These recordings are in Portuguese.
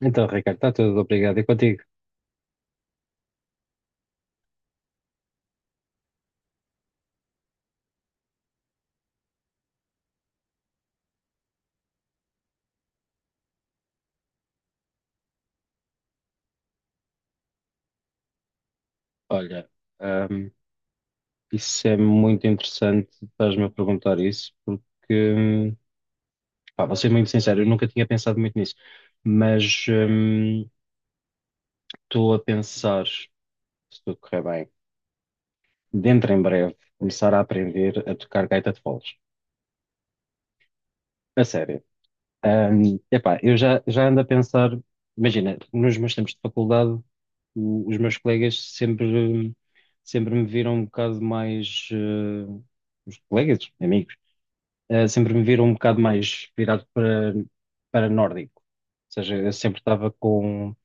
Então, Ricardo, está tudo, obrigado. E contigo? Olha, ahm, isso é muito interessante, estás-me a perguntar isso, porque, pá, vou ser muito sincero, eu nunca tinha pensado muito nisso, mas estou a pensar, se tudo correr bem, dentro em breve, começar a aprender a tocar gaita de foles. A sério. Epá, eu já ando a pensar, imagina, nos meus tempos de faculdade, os meus colegas sempre me viram um bocado mais, os colegas, amigos, sempre me viram um bocado mais virado para, nórdico. Ou seja, eu sempre estava com,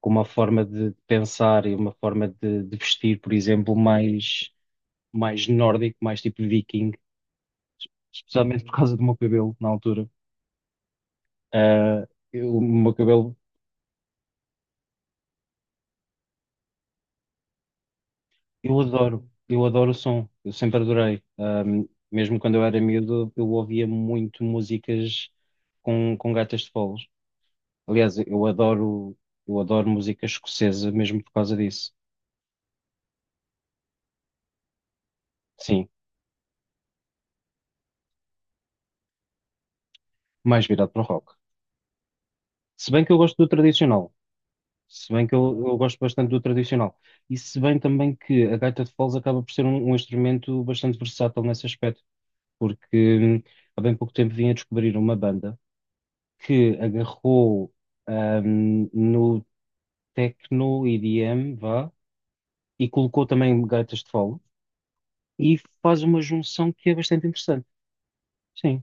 com uma forma de pensar e uma forma de, vestir, por exemplo, mais nórdico, mais tipo viking, especialmente por causa do meu cabelo na altura. Ah, o meu cabelo. Eu adoro o som, eu sempre adorei. Mesmo quando eu era miúdo, eu ouvia muito músicas com gaitas de foles. Aliás, eu adoro música escocesa mesmo por causa disso. Sim, mais virado para o rock. Se bem que eu gosto do tradicional, se bem que eu gosto bastante do tradicional, e se bem também que a gaita de foles acaba por ser um, instrumento bastante versátil nesse aspecto, porque há bem pouco tempo vim a descobrir uma banda que agarrou no techno EDM, vá, e colocou também gaitas de fole e faz uma junção que é bastante interessante. Sim.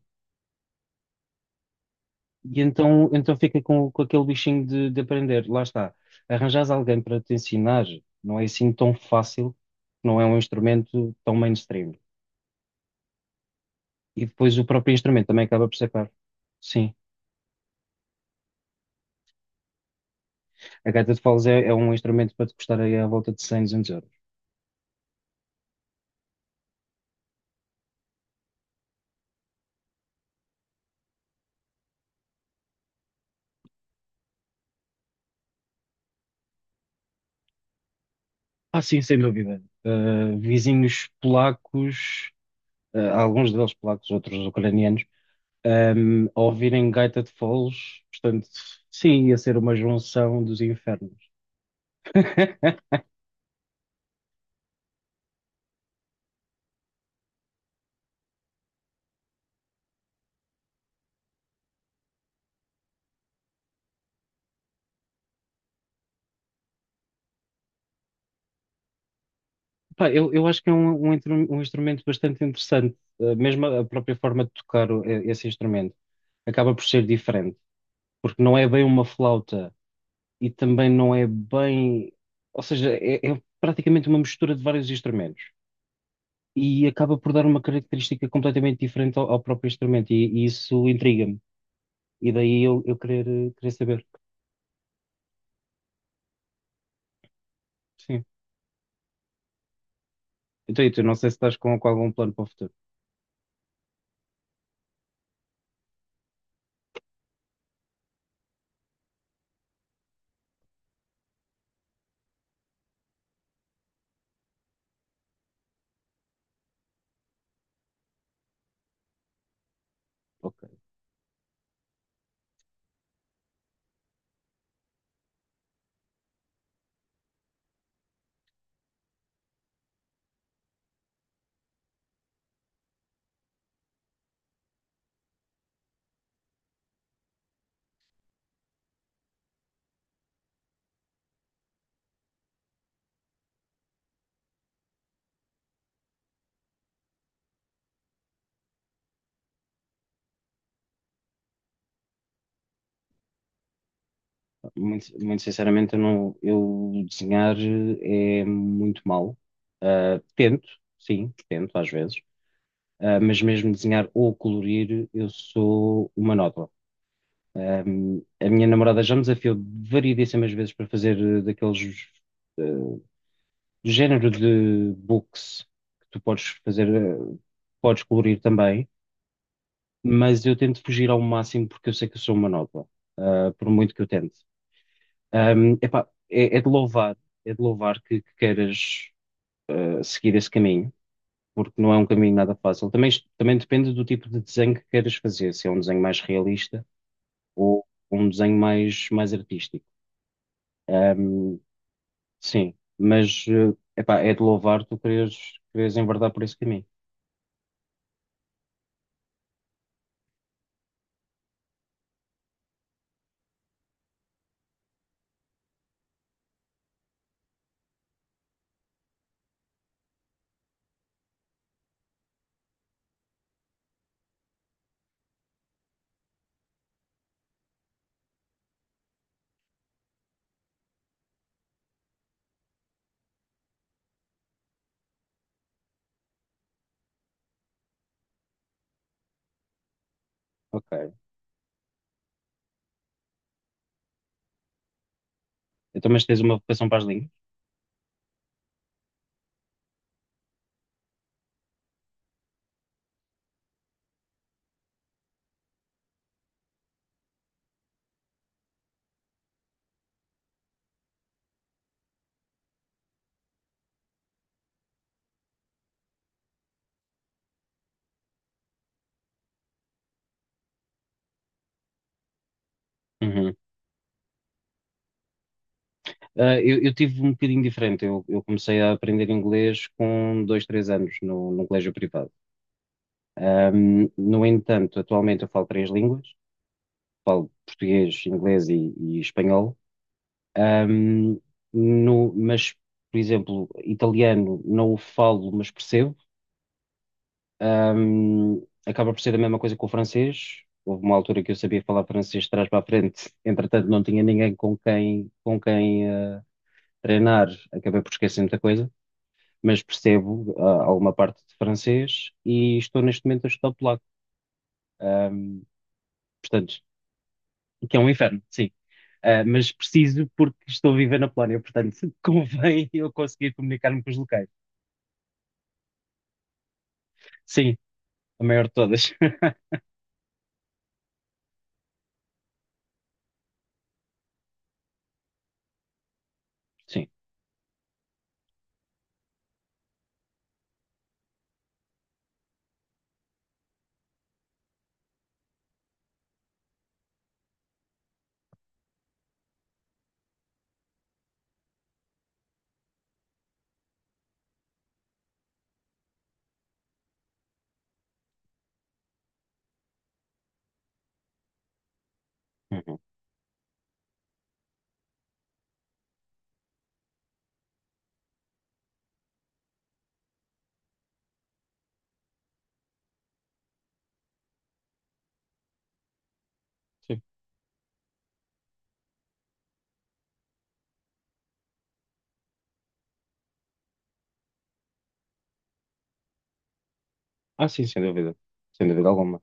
E então, fica com aquele bichinho de aprender. Lá está. Arranjares alguém para te ensinar não é assim tão fácil, não é um instrumento tão mainstream. E depois o próprio instrumento também acaba por ser caro. Sim. A gaita de foles é um instrumento para te custar aí à volta de 100 200 euros. Ah, sim, sem dúvida. Vizinhos polacos, alguns deles polacos, outros ucranianos, um, a ouvirem gaita de foles, portanto, sim, ia ser uma junção dos infernos. Pá, eu acho que é um, um instrumento bastante interessante. Mesmo a própria forma de tocar esse instrumento acaba por ser diferente, porque não é bem uma flauta e também não é bem, ou seja, é praticamente uma mistura de vários instrumentos. E acaba por dar uma característica completamente diferente ao próprio instrumento, e isso intriga-me. E daí eu querer saber. Sim. Então, e tu, não sei se estás com, algum plano para o futuro. Ok. Muito, muito sinceramente, eu, não, eu desenhar é muito mal. Ah, tento, sim, tento às vezes. Ah, mas mesmo desenhar ou colorir, eu sou uma nódoa. Ah, a minha namorada já me desafiou variedíssimas vezes para fazer daqueles eh, género de books que tu podes fazer, podes colorir também, mas eu tento fugir ao máximo porque eu sei que eu sou monótono, ah, por muito que eu tente. Epá, é de louvar, é de louvar que, queiras ah, seguir esse caminho, porque não é um caminho nada fácil. Também, também depende do tipo de desenho que queiras fazer, se é um desenho mais realista ou um desenho mais artístico. Ahm, sim, mas epá, é de louvar tu queres, queres enverdar por esse caminho. Ok. Então, mas tens uma vocação para as línguas? Uhum. Ah, eu tive um bocadinho diferente. Eu comecei a aprender inglês com dois, três anos no colégio privado. No entanto, atualmente eu falo três línguas. Falo português, inglês e espanhol. Ahm, mas, por exemplo, italiano não o falo, mas percebo. Acaba por ser a mesma coisa com o francês. Houve uma altura que eu sabia falar francês de trás para a frente. Entretanto, não tinha ninguém com quem, treinar, acabei por esquecer muita coisa, mas percebo ah, alguma parte de francês e estou neste momento a estudar polaco. Ahm, portanto, o que é um inferno, sim. Ah, mas preciso porque estou a viver na Polónia, portanto, convém eu conseguir comunicar-me com os locais. Sim, a maior de todas. Sim. Uhum. Sim. Ah, sim, sem dúvida. Sem dúvida alguma.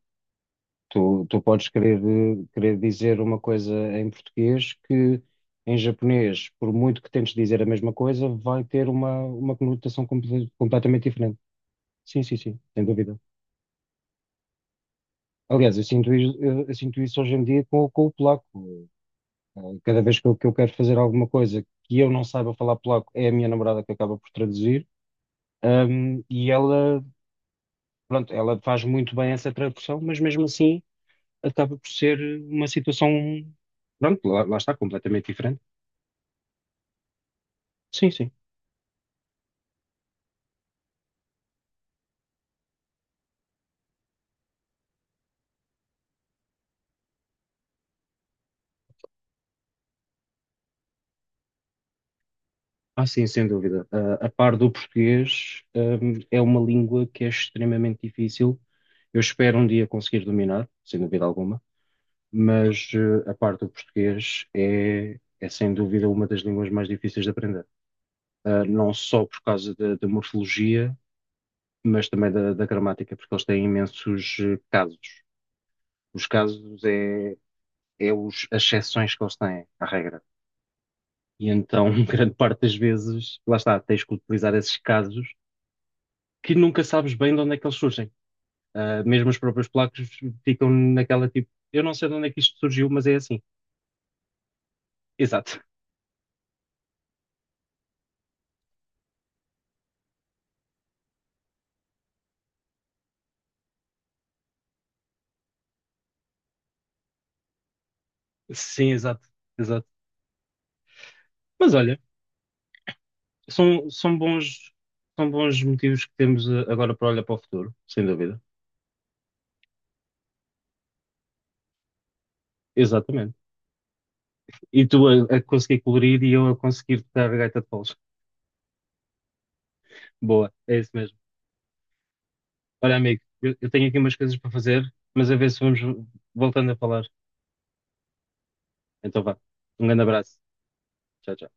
Tu podes querer dizer uma coisa em português que em japonês, por muito que tentes dizer a mesma coisa, vai ter uma, conotação completamente diferente. Sim, sim, sim, sem dúvida. Aliás, eu sinto isso hoje em dia com o polaco. Cada vez que eu quero fazer alguma coisa que eu não saiba falar polaco, é a minha namorada que acaba por traduzir. E ela, pronto, ela faz muito bem essa tradução, mas mesmo assim acaba por ser uma situação. Pronto, lá está, completamente diferente. Sim, sim. Ah, sim, sem dúvida. Ah, a par do português, é uma língua que é extremamente difícil. Eu espero um dia conseguir dominar, sem dúvida alguma, mas a par do português é sem dúvida uma das línguas mais difíceis de aprender. Ah, não só por causa da morfologia, mas também da gramática, porque eles têm imensos casos. Os casos é os, as exceções que eles têm à regra. E então, grande parte das vezes, lá está, tens que utilizar esses casos que nunca sabes bem de onde é que eles surgem. Ah, mesmo os próprios placos ficam naquela tipo, eu não sei de onde é que isto surgiu, mas é assim. Exato. Sim, exato, exato. Mas olha, são, são bons, são bons motivos que temos ah, agora para olhar para o futuro, sem dúvida. Exatamente. E tu a conseguir colorir e eu a conseguir tocar a gaita de foles. Boa, é isso mesmo. Olha, amigo, eu tenho aqui umas coisas para fazer, mas a ver se vamos voltando a falar. Então vá. Um grande abraço. Tchau, tchau.